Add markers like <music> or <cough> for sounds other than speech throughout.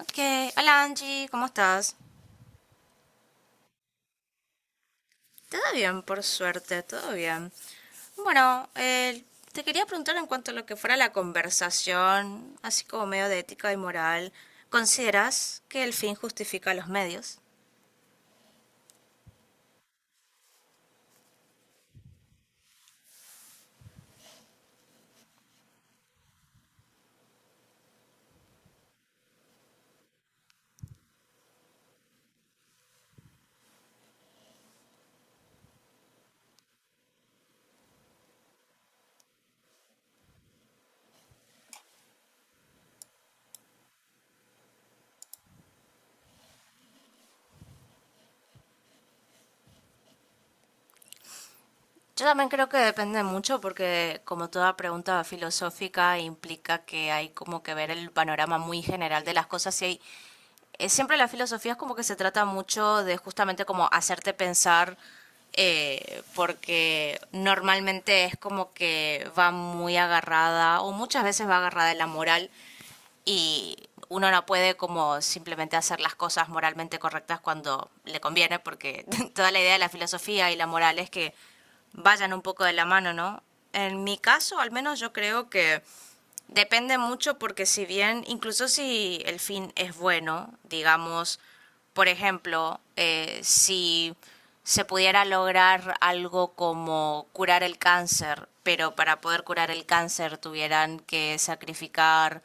Ok, hola Angie, ¿cómo estás? Todo bien, por suerte, todo bien. Bueno, te quería preguntar en cuanto a lo que fuera la conversación, así como medio de ética y moral, ¿consideras que el fin justifica los medios? Yo también creo que depende mucho porque como toda pregunta filosófica implica que hay como que ver el panorama muy general de las cosas y hay siempre la filosofía es como que se trata mucho de justamente como hacerte pensar, porque normalmente es como que va muy agarrada o muchas veces va agarrada en la moral y uno no puede como simplemente hacer las cosas moralmente correctas cuando le conviene, porque <laughs> toda la idea de la filosofía y la moral es que vayan un poco de la mano, ¿no? En mi caso, al menos yo creo que depende mucho porque si bien, incluso si el fin es bueno, digamos, por ejemplo, si se pudiera lograr algo como curar el cáncer, pero para poder curar el cáncer tuvieran que sacrificar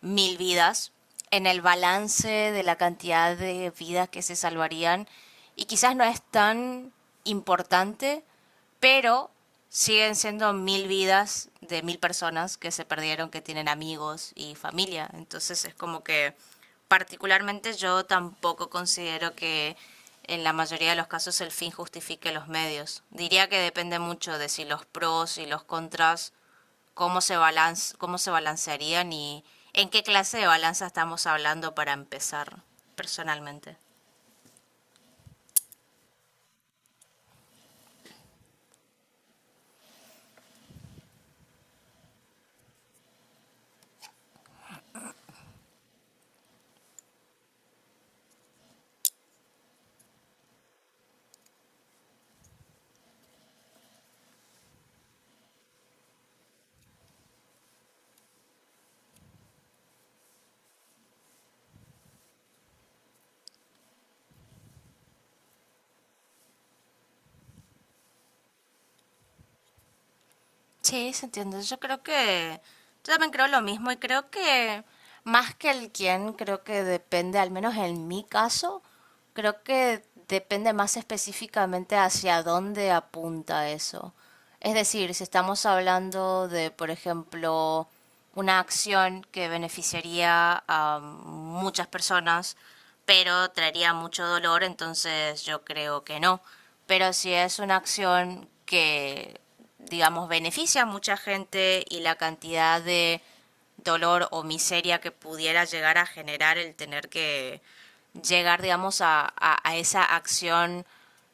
1.000 vidas en el balance de la cantidad de vidas que se salvarían y quizás no es tan importante, pero siguen siendo 1.000 vidas de 1.000 personas que se perdieron, que tienen amigos y familia. Entonces es como que particularmente yo tampoco considero que en la mayoría de los casos el fin justifique los medios. Diría que depende mucho de si los pros y los contras cómo se balance, cómo se balancearían y en qué clase de balanza estamos hablando para empezar personalmente. Sí, se entiende. Yo creo que yo también creo lo mismo y creo que más que el quién, creo que depende, al menos en mi caso, creo que depende más específicamente hacia dónde apunta eso. Es decir, si estamos hablando de, por ejemplo, una acción que beneficiaría a muchas personas, pero traería mucho dolor, entonces yo creo que no. Pero si es una acción que, digamos, beneficia a mucha gente y la cantidad de dolor o miseria que pudiera llegar a generar el tener que llegar, digamos, a esa acción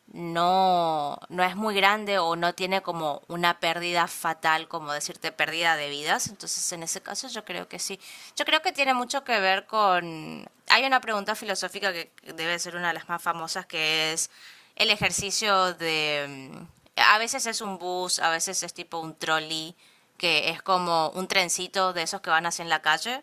no es muy grande o no tiene como una pérdida fatal, como decirte, pérdida de vidas. Entonces, en ese caso, yo creo que sí. Yo creo que tiene mucho que ver con... Hay una pregunta filosófica que debe ser una de las más famosas, que es el ejercicio de... a veces es un bus, a veces es tipo un trolley, que es como un trencito de esos que van hacia en la calle.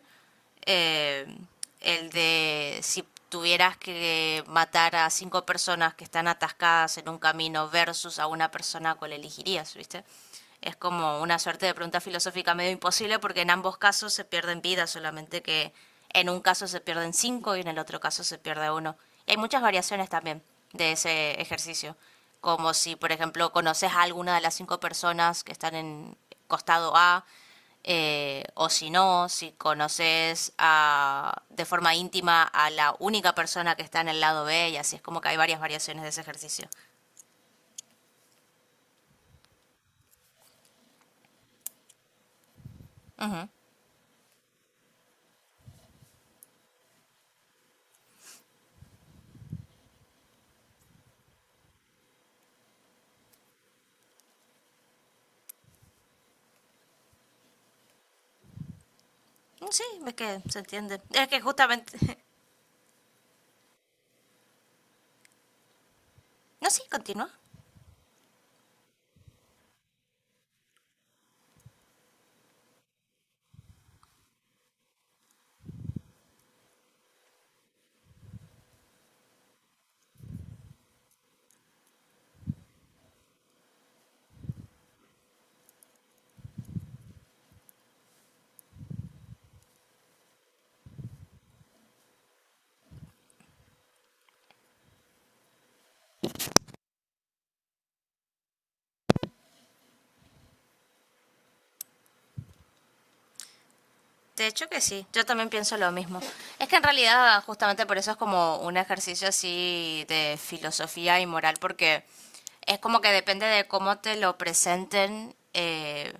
Eh, el de si tuvieras que matar a cinco personas que están atascadas en un camino versus a una persona, ¿cuál elegirías, viste? Es como una suerte de pregunta filosófica medio imposible porque en ambos casos se pierden vidas, solamente que en un caso se pierden cinco y en el otro caso se pierde uno. Y hay muchas variaciones también de ese ejercicio, como si, por ejemplo, conoces a alguna de las cinco personas que están en costado A, o si no, si conoces de forma íntima a la única persona que está en el lado B, y así es como que hay varias variaciones de ese ejercicio. Ujú. Sí, es que se entiende. Es que justamente... No, sí, continúa. De hecho que sí, yo también pienso lo mismo. Es que en realidad justamente por eso es como un ejercicio así de filosofía y moral, porque es como que depende de cómo te lo presenten,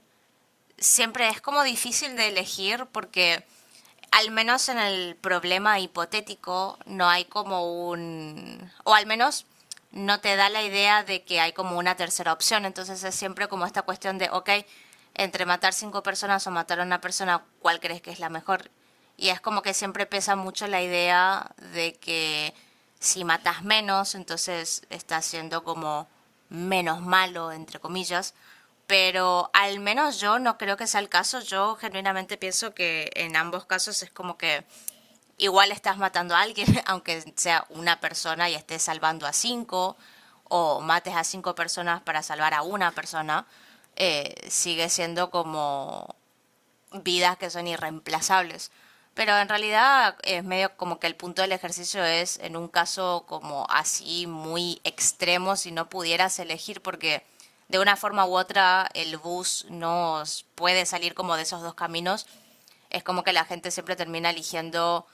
siempre es como difícil de elegir porque al menos en el problema hipotético no hay como un, o al menos no te da la idea de que hay como una tercera opción, entonces es siempre como esta cuestión de, ok, entre matar cinco personas o matar a una persona, ¿cuál crees que es la mejor? Y es como que siempre pesa mucho la idea de que si matas menos, entonces estás siendo como menos malo, entre comillas, pero al menos yo no creo que sea el caso. Yo genuinamente pienso que en ambos casos es como que igual estás matando a alguien, <laughs> aunque sea una persona y estés salvando a cinco, o mates a cinco personas para salvar a una persona, sigue siendo como vidas que son irreemplazables. Pero en realidad es medio como que el punto del ejercicio es en un caso como así muy extremo si no pudieras elegir porque de una forma u otra el bus no puede salir como de esos dos caminos. Es como que la gente siempre termina eligiendo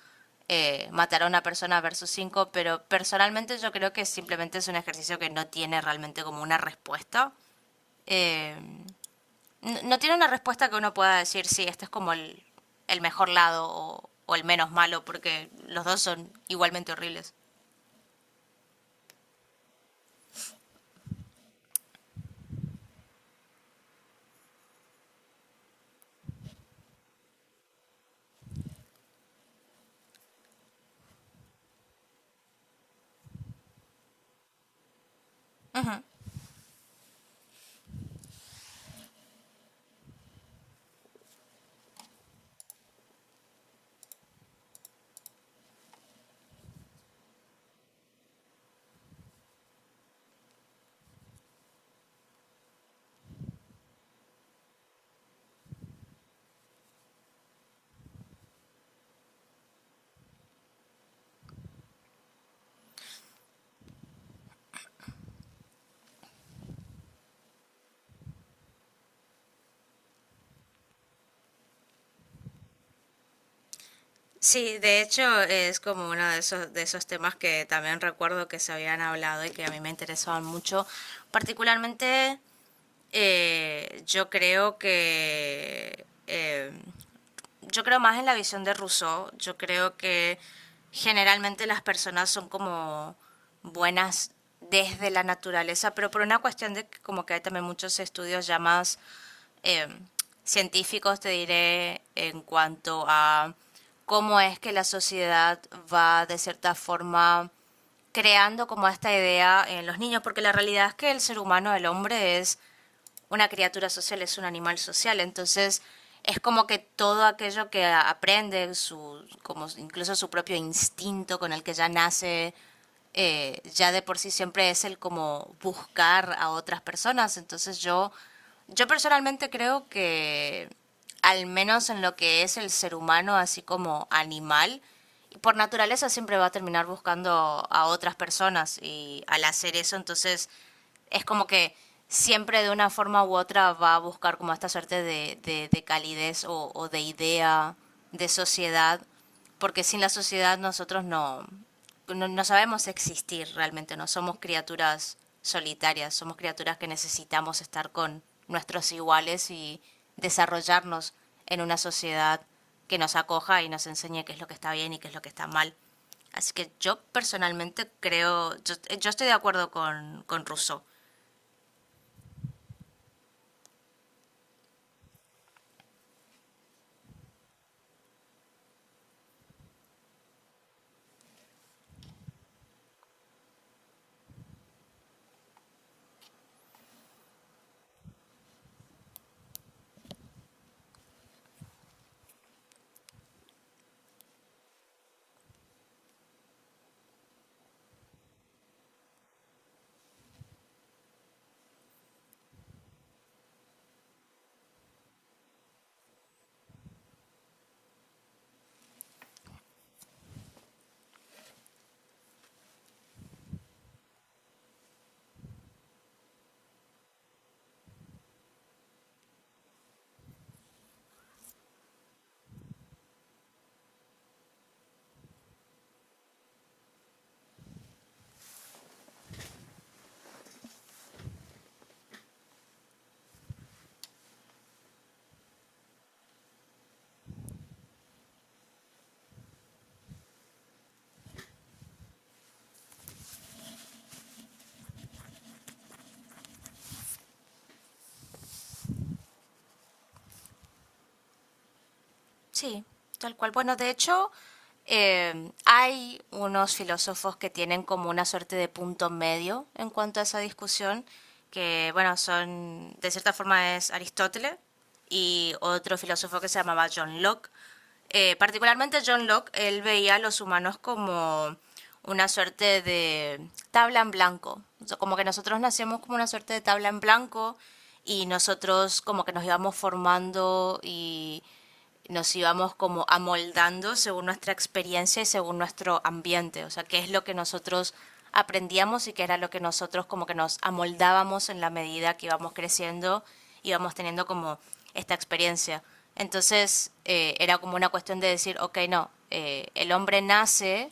matar a una persona versus cinco, pero personalmente yo creo que simplemente es un ejercicio que no tiene realmente como una respuesta. Eh, no, no tiene una respuesta que uno pueda decir, sí, este es como el mejor lado o el menos malo, porque los dos son igualmente horribles. Sí, de hecho es como uno de esos temas que también recuerdo que se habían hablado y que a mí me interesaban mucho, particularmente. Eh, yo creo que... eh, yo creo más en la visión de Rousseau. Yo creo que generalmente las personas son como buenas desde la naturaleza, pero por una cuestión de que como que hay también muchos estudios ya más eh, científicos, te diré, en cuanto a cómo es que la sociedad va de cierta forma creando como esta idea en los niños, porque la realidad es que el ser humano, el hombre, es una criatura social, es un animal social, entonces es como que todo aquello que aprende, su, como incluso su propio instinto con el que ya nace, ya de por sí siempre es el como buscar a otras personas. Entonces yo personalmente creo que al menos en lo que es el ser humano, así como animal, por naturaleza siempre va a terminar buscando a otras personas y al hacer eso entonces es como que siempre de una forma u otra va a buscar como esta suerte de calidez o de idea, de sociedad, porque sin la sociedad nosotros no sabemos existir realmente, no somos criaturas solitarias, somos criaturas que necesitamos estar con nuestros iguales y desarrollarnos en una sociedad que nos acoja y nos enseñe qué es lo que está bien y qué es lo que está mal. Así que yo personalmente creo, yo estoy de acuerdo con Rousseau. Sí, tal cual. Bueno, de hecho, hay unos filósofos que tienen como una suerte de punto medio en cuanto a esa discusión, que bueno, son, de cierta forma, es Aristóteles y otro filósofo que se llamaba John Locke. Particularmente John Locke, él veía a los humanos como una suerte de tabla en blanco. O sea, como que nosotros nacíamos como una suerte de tabla en blanco y nosotros como que nos íbamos formando y nos íbamos como amoldando según nuestra experiencia y según nuestro ambiente, o sea, qué es lo que nosotros aprendíamos y qué era lo que nosotros como que nos amoldábamos en la medida que íbamos creciendo, íbamos teniendo como esta experiencia. Entonces era como una cuestión de decir, ok, no, el hombre nace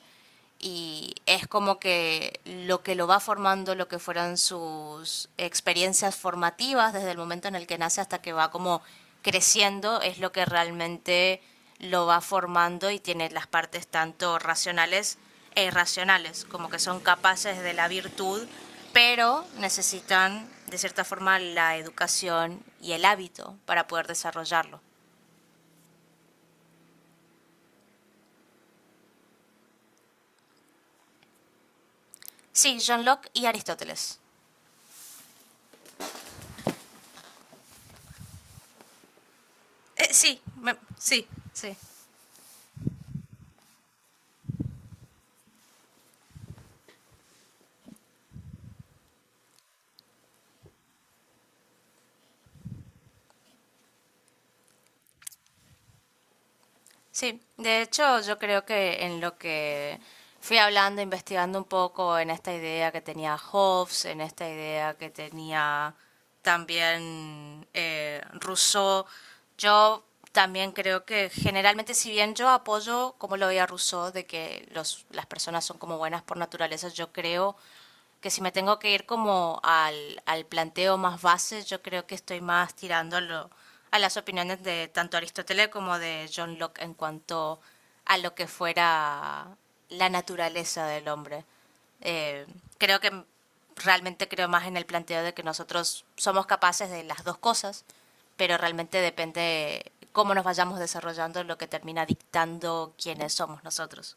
y es como que lo va formando, lo que fueron sus experiencias formativas desde el momento en el que nace hasta que va como creciendo, es lo que realmente lo va formando y tiene las partes tanto racionales e irracionales, como que son capaces de la virtud, pero necesitan de cierta forma la educación y el hábito para poder desarrollarlo. Sí, John Locke y Aristóteles. Sí, sí. Sí, de hecho yo creo que en lo que fui hablando, investigando un poco en esta idea que tenía Hobbes, en esta idea que tenía también Rousseau, yo también creo que generalmente si bien yo apoyo, como lo veía Rousseau, de que los, las personas son como buenas por naturaleza, yo creo que si me tengo que ir como al planteo más base, yo creo que estoy más tirando a las opiniones de tanto Aristóteles como de John Locke en cuanto a lo que fuera la naturaleza del hombre. Eh, Creo que realmente creo más en el planteo de que nosotros somos capaces de las dos cosas, pero realmente depende cómo nos vayamos desarrollando lo que termina dictando quiénes somos nosotros.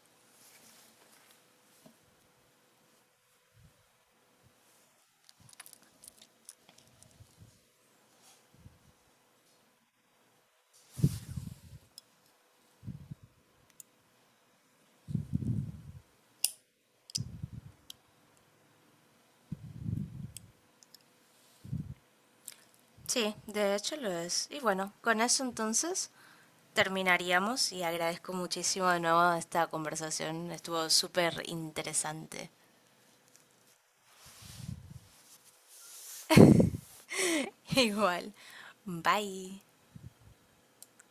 Sí, de hecho lo es. Y bueno, con eso entonces terminaríamos y agradezco muchísimo de nuevo esta conversación. Estuvo súper interesante. <laughs> Igual. Bye.